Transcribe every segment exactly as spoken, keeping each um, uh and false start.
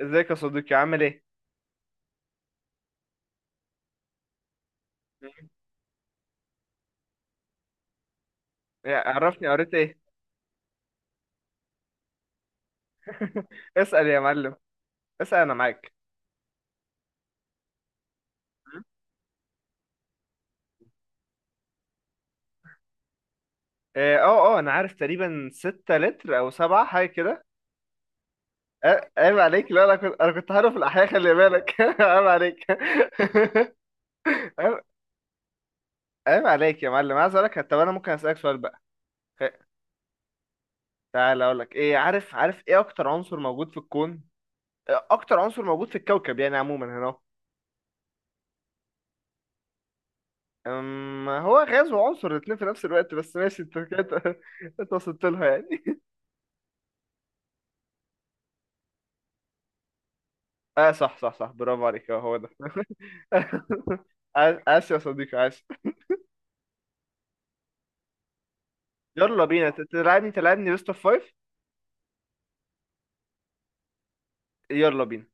ازيك يا صديقي، عامل ايه؟ يا- عرفني قريت ايه؟ اسأل يا معلم. اسأل، انا معاك. مم. اه اه آه، انا عارف تقريبا ستة لتر او سبعة، حاجة كده. آه، عيب عليك. لا، انا كنت انا كنت هعرف الاحياء، خلي بالك. عيب عليك. عيب عيب عليك يا معلم. عايز اقول لك، طب انا ممكن اسألك سؤال بقى؟ خ- تعال اقول لك ايه. عارف عارف ايه اكتر عنصر موجود في الكون؟ آه، اكتر عنصر موجود في الكوكب يعني عموما، هنا أهو. أم، هو غاز وعنصر، الاتنين في نفس الوقت، بس ماشي انت كده. انت وصلت لها يعني. اه صح صح صح، برافو عليك، اه هو ده. آس آس يا صديقي، آسف. يلا بينا، ت- تلعبني تلعبني بيست اوف فايف. يلا بينا.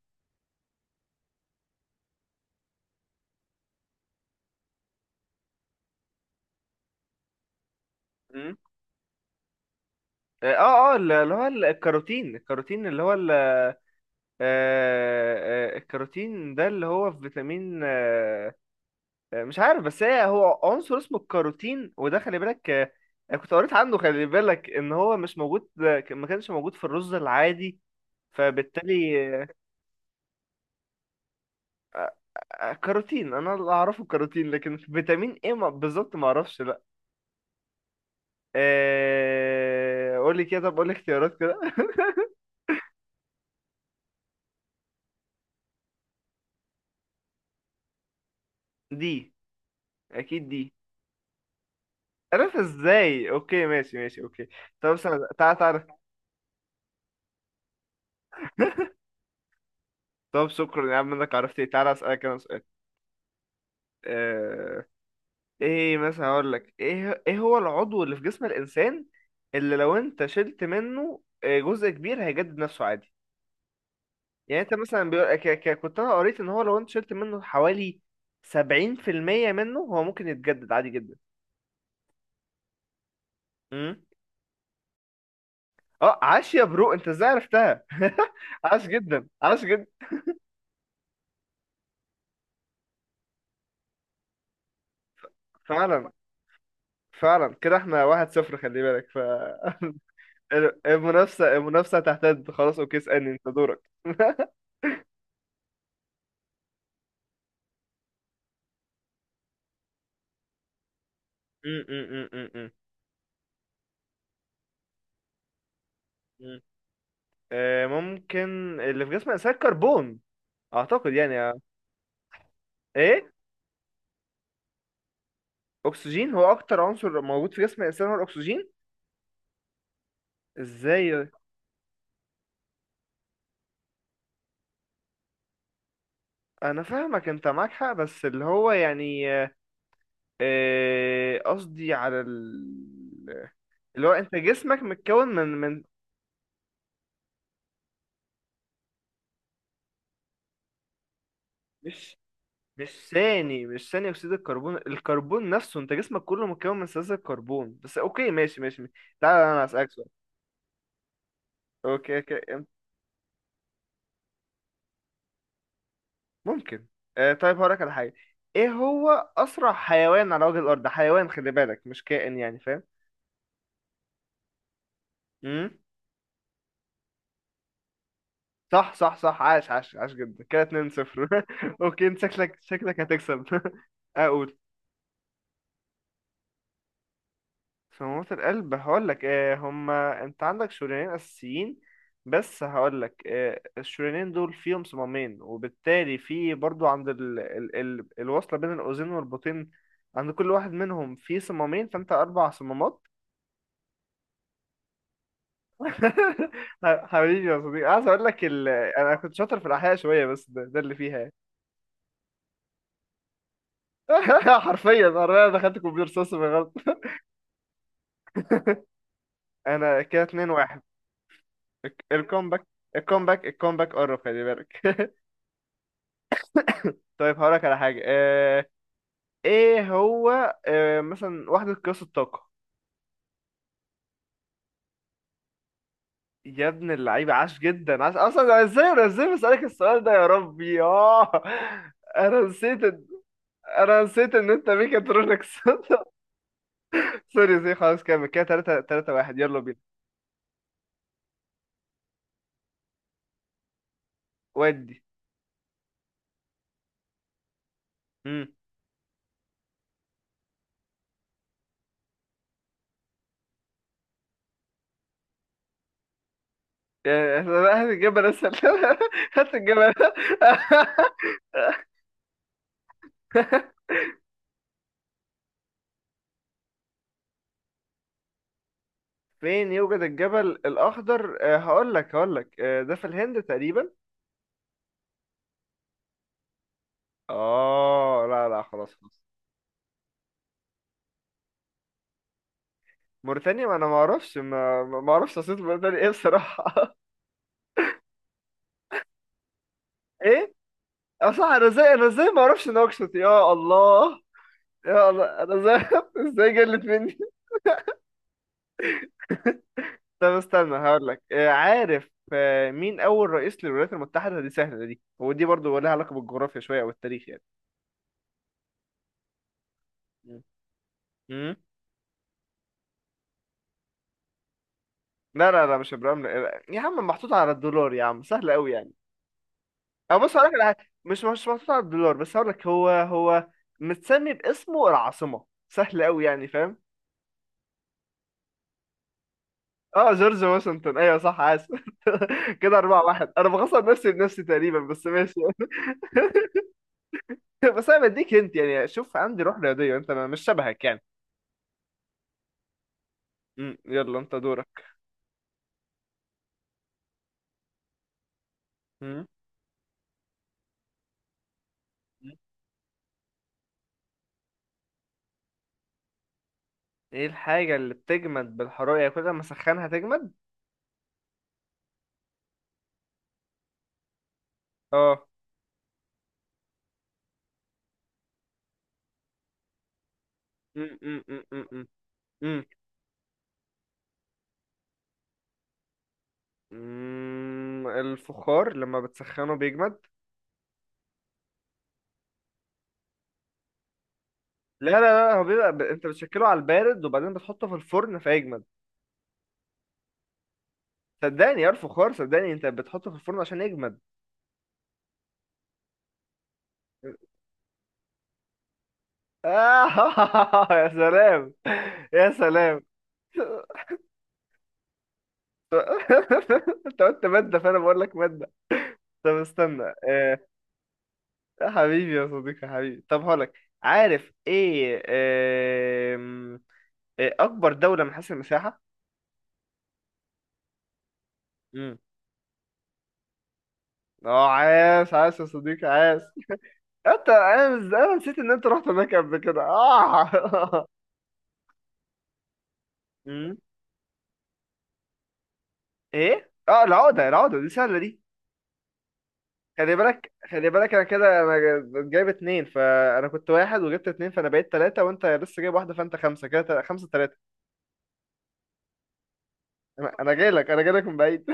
مم. اه اه ال- اللي هو ال- الكاروتين الكاروتين اللي هو ال- آه، آه، الكاروتين ده، اللي هو في فيتامين آه، آه، مش عارف، بس هي هو عنصر اسمه الكاروتين، وده خلي بالك. آه، انا كنت قريت عنه، خلي بالك ان هو مش موجود، آه، ما كانش موجود في الرز العادي، فبالتالي آه، آه، كاروتين، انا اللي اعرفه كاروتين، لكن فيتامين ايه ما- بالظبط ما اعرفش، لا. آه، قول لي كده، طب قول لي اختيارات كده. دي، اكيد دي. عرفت ازاي؟ اوكي ماشي ماشي، اوكي. طب استنى، تعالى تعالى. طب شكرا يا عم انك عرفت ايه. تعالى اسالك انا سؤال. آه، ايه مثلا، هقول لك ايه ايه هو العضو اللي في جسم الانسان اللي لو انت شلت منه آه، جزء كبير، هيجدد نفسه عادي. يعني انت مثلا بيقول ك... ك... كنت انا قريت ان هو لو انت شلت منه حوالي سبعين في المية منه، هو ممكن يتجدد عادي جدا. امم اه، عاش يا برو. انت ازاي عرفتها؟ عاش جدا، عاش جدا. فعلا فعلا، كده احنا واحد صفر، خلي بالك. ف المنافسة المنافسة تحتد، خلاص. اوكي اسألني، انت دورك. م- م- م- م- م- م. آه، ممكن اللي في جسم الانسان كربون، اعتقد يعني آه. ايه، اكسجين. هو اكتر عنصر موجود في جسم الانسان هو الاكسجين؟ ازاي؟ انا فاهمك، انت معاك حق، بس اللي هو يعني آه، قصدي على ال... اللي هو انت جسمك متكون من من مش مش ثاني مش ثاني اكسيد الكربون، الكربون نفسه. انت جسمك كله متكون من ثلاثة كربون بس. اوكي ماشي ماشي ماشي. تعالى انا اسالك سؤال. اوكي اوكي، ممكن. آه، طيب هقولك على حاجه. ايه هو اسرع حيوان على وجه الارض؟ حيوان، خلي بالك، مش كائن يعني، فاهم. صح صح صح، عاش عاش عاش جدا كده، اتنين صفر. اوكي انت شكلك شكلك هتكسب. اقول في موت القلب. هقول لك، آه هما انت عندك شريانين اساسيين، بس هقول لك، آه الشريانين دول فيهم صمامين، وبالتالي في برضو عند ال... ال... ال... الوصله بين الاذين والبطين، عند كل واحد منهم في صمامين، فانت اربع صمامات. حبيبي يا صديقي، عايز اقول لك ال... انا كنت شاطر في الاحياء شويه، بس ده, ده اللي فيها. حرفيا انا دخلت كمبيوتر ساينس بالغلط. انا كده اتنين واحد. الكومباك الكومباك الكومباك قرب، خلي بالك. طيب هقولك على حاجه آه... ايه هو. آه... مثلا وحده قياس الطاقه. يا ابن اللعيبه، عاش جدا، عاش. اصلا أنا ازاي أنا ازاي بسالك السؤال ده يا ربي، اه. انا نسيت إن- انا نسيت ان انت ميكاترونكس. سوري سوري، خلاص كمل كده، ثلاثة تلاتة واحد، يلا بينا. ودي. امم آه، هات الجبل اسهل. هات الجبل. فين يوجد الجبل الأخضر؟ آه، هقول لك هقول لك آه، ده في الهند تقريبا. اه لا لا، خلاص خلاص. موريتانيا، ما انا ما اعرفش، ما ما اعرفش عاصمة موريتانيا ايه، بصراحة. ايه؟ اه صح، انا ازاي انا ازاي ما اعرفش نوكشوت! يا الله! يا الله انا ازاي! ازاي جلت مني! طب استنى هقول لك، آه، عارف آه، مين اول رئيس للولايات المتحدة؟ دي سهلة دي، ودي برضو لها علاقة بالجغرافيا شوية او التاريخ يعني. مم. مم. لا لا لا، مش ابراهام، لا- يا عم محطوط على الدولار يا عم، سهل قوي يعني. أو بص هقولك على حاجة، مش مش محطوط على الدولار، بس هقولك هو، هو متسمي باسمه العاصمة، سهل أوي يعني، فاهم. اه جورج واشنطن، ايوه صح، اسف. كده أربعة واحد، أنا بخسر نفسي بنفسي تقريبا، بس ماشي. بس أنا بديك أنت يعني، شوف عندي روح رياضية، أنت ما- مش شبهك يعني. مم، يلا أنت دورك. مم. مم. إيه الحاجة اللي بتجمد بالحرارة؟ يعني كل ما أسخنها تجمد؟ اه. مم، مم، مم، مم، مم. مم. مم، الفخار لما بتسخنه بيجمد. لا لا لا، هو بيبقى ب... انت بتشكله على البارد، وبعدين بتحطه في الفرن فيجمد. صدقني يا فخار، صدقني انت بتحطه في الفرن عشان يجمد. آه. يا سلام، يا سلام. انت قلت مادة، فانا بقول لك مادة. طب استنى، آه. يا حبيبي يا صديقي، يا حبيبي، طب هقولك عارف ايه، آم، إيه اكبر دولة من حيث المساحة؟ امم اه عاش، عاش يا صديقي، عاش. انت انا انا نسيت ان انت رحت هناك قبل كده، اه. ايه؟ اه، العقده، العقده دي سهله دي. خلي بالك خلي بالك، انا كده انا جا- جايب اتنين، فانا كنت واحد وجبت اتنين فانا بقيت تلاته، وانت لسه جايب واحده، فانت خمسه كده، تل- خمسه تلاته. انا أنا جاي لك، انا جاي لك من بعيد.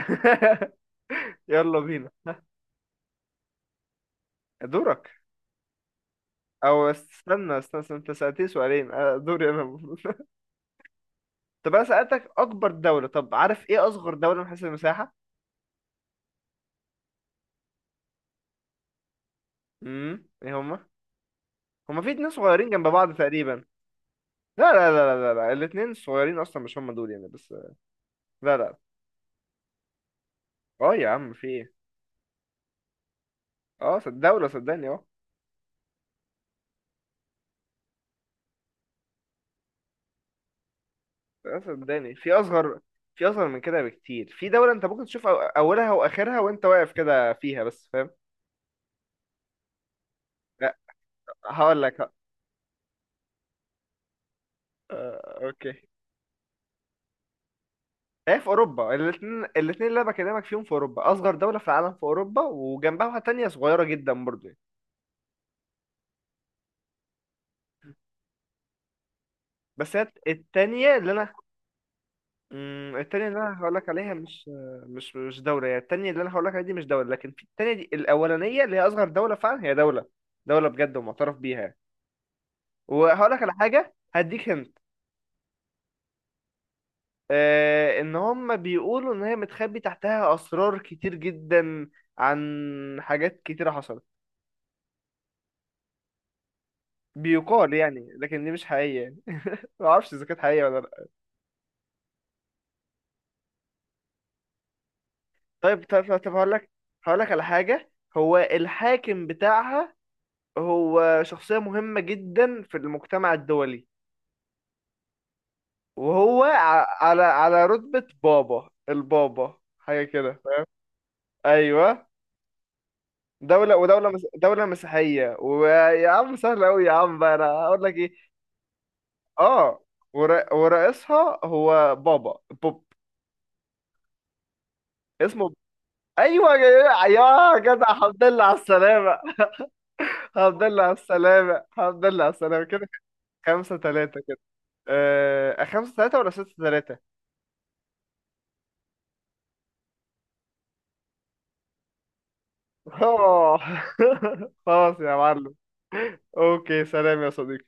يلا بينا، دورك. او استنى، استنى, استنى، انت سالتني سؤالين، آه، دوري انا المفروض. طب انا سالتك اكبر دوله، طب عارف ايه اصغر دوله من حيث المساحه؟ امم ايه هما؟ هما في اتنين صغيرين جنب بعض تقريبا. لا لا لا لا لا, لا. الاتنين صغيرين اصلا، مش هما دول يعني، بس. لا لا. اه يا عم في ايه؟ اه صد- دولة، صدقني، اه. آه، صدقني في اصغر، في اصغر من كده بكتير، في دولة انت ممكن تشوف أو- اولها واخرها وانت واقف كده فيها بس، فاهم. لا، هقول لك ه- آه، اوكي. هي في اوروبا. الاثنين الاثنين اللي انا بكلمك فيهم في اوروبا، اصغر دولة في العالم في اوروبا، وجنبها واحدة تانية صغيرة جدا برضه يعني. بس هي التانية اللي انا، مم، التانية اللي انا هقول لك عليها مش، مش مش دولة يعني. التانية اللي انا هقول لك عليها دي مش دولة، لكن في التانية دي، الاولانية اللي هي اصغر دولة فعلا، هي دولة. دولة بجد ومعترف بيها يعني. وهقول لك على حاجه هديك هنت، آه ان هم بيقولوا ان هي متخبي تحتها اسرار كتير جدا عن حاجات كتيره حصلت، بيقال يعني، لكن دي مش حقيقيه يعني. ما اعرفش اذا كانت حقيقيه ولا لا. طيب طب طب طب هقول لك، هقول لك على حاجه. هو الحاكم بتاعها هو شخصيه مهمه جدا في المجتمع الدولي، وهو ع- على على رتبه بابا، البابا حاجه كده. ايوه. دولة، ودولة مس... دولة مسيحية. ويا عم سهل أوي يا عم بقى، أنا هقول لك إيه، آه، ور... ورئيسها هو بابا بوب اسمه. أيوه يا يا جدع، الحمد لله على السلامة! الحمد لله على السلامة، الحمد لله على السلامة كده. خمسة تلاتة كده. آه... خمسة تلاتة ولا ستة تلاتة؟ آه. خلاص يا معلم. أوكي، سلام يا صديقي.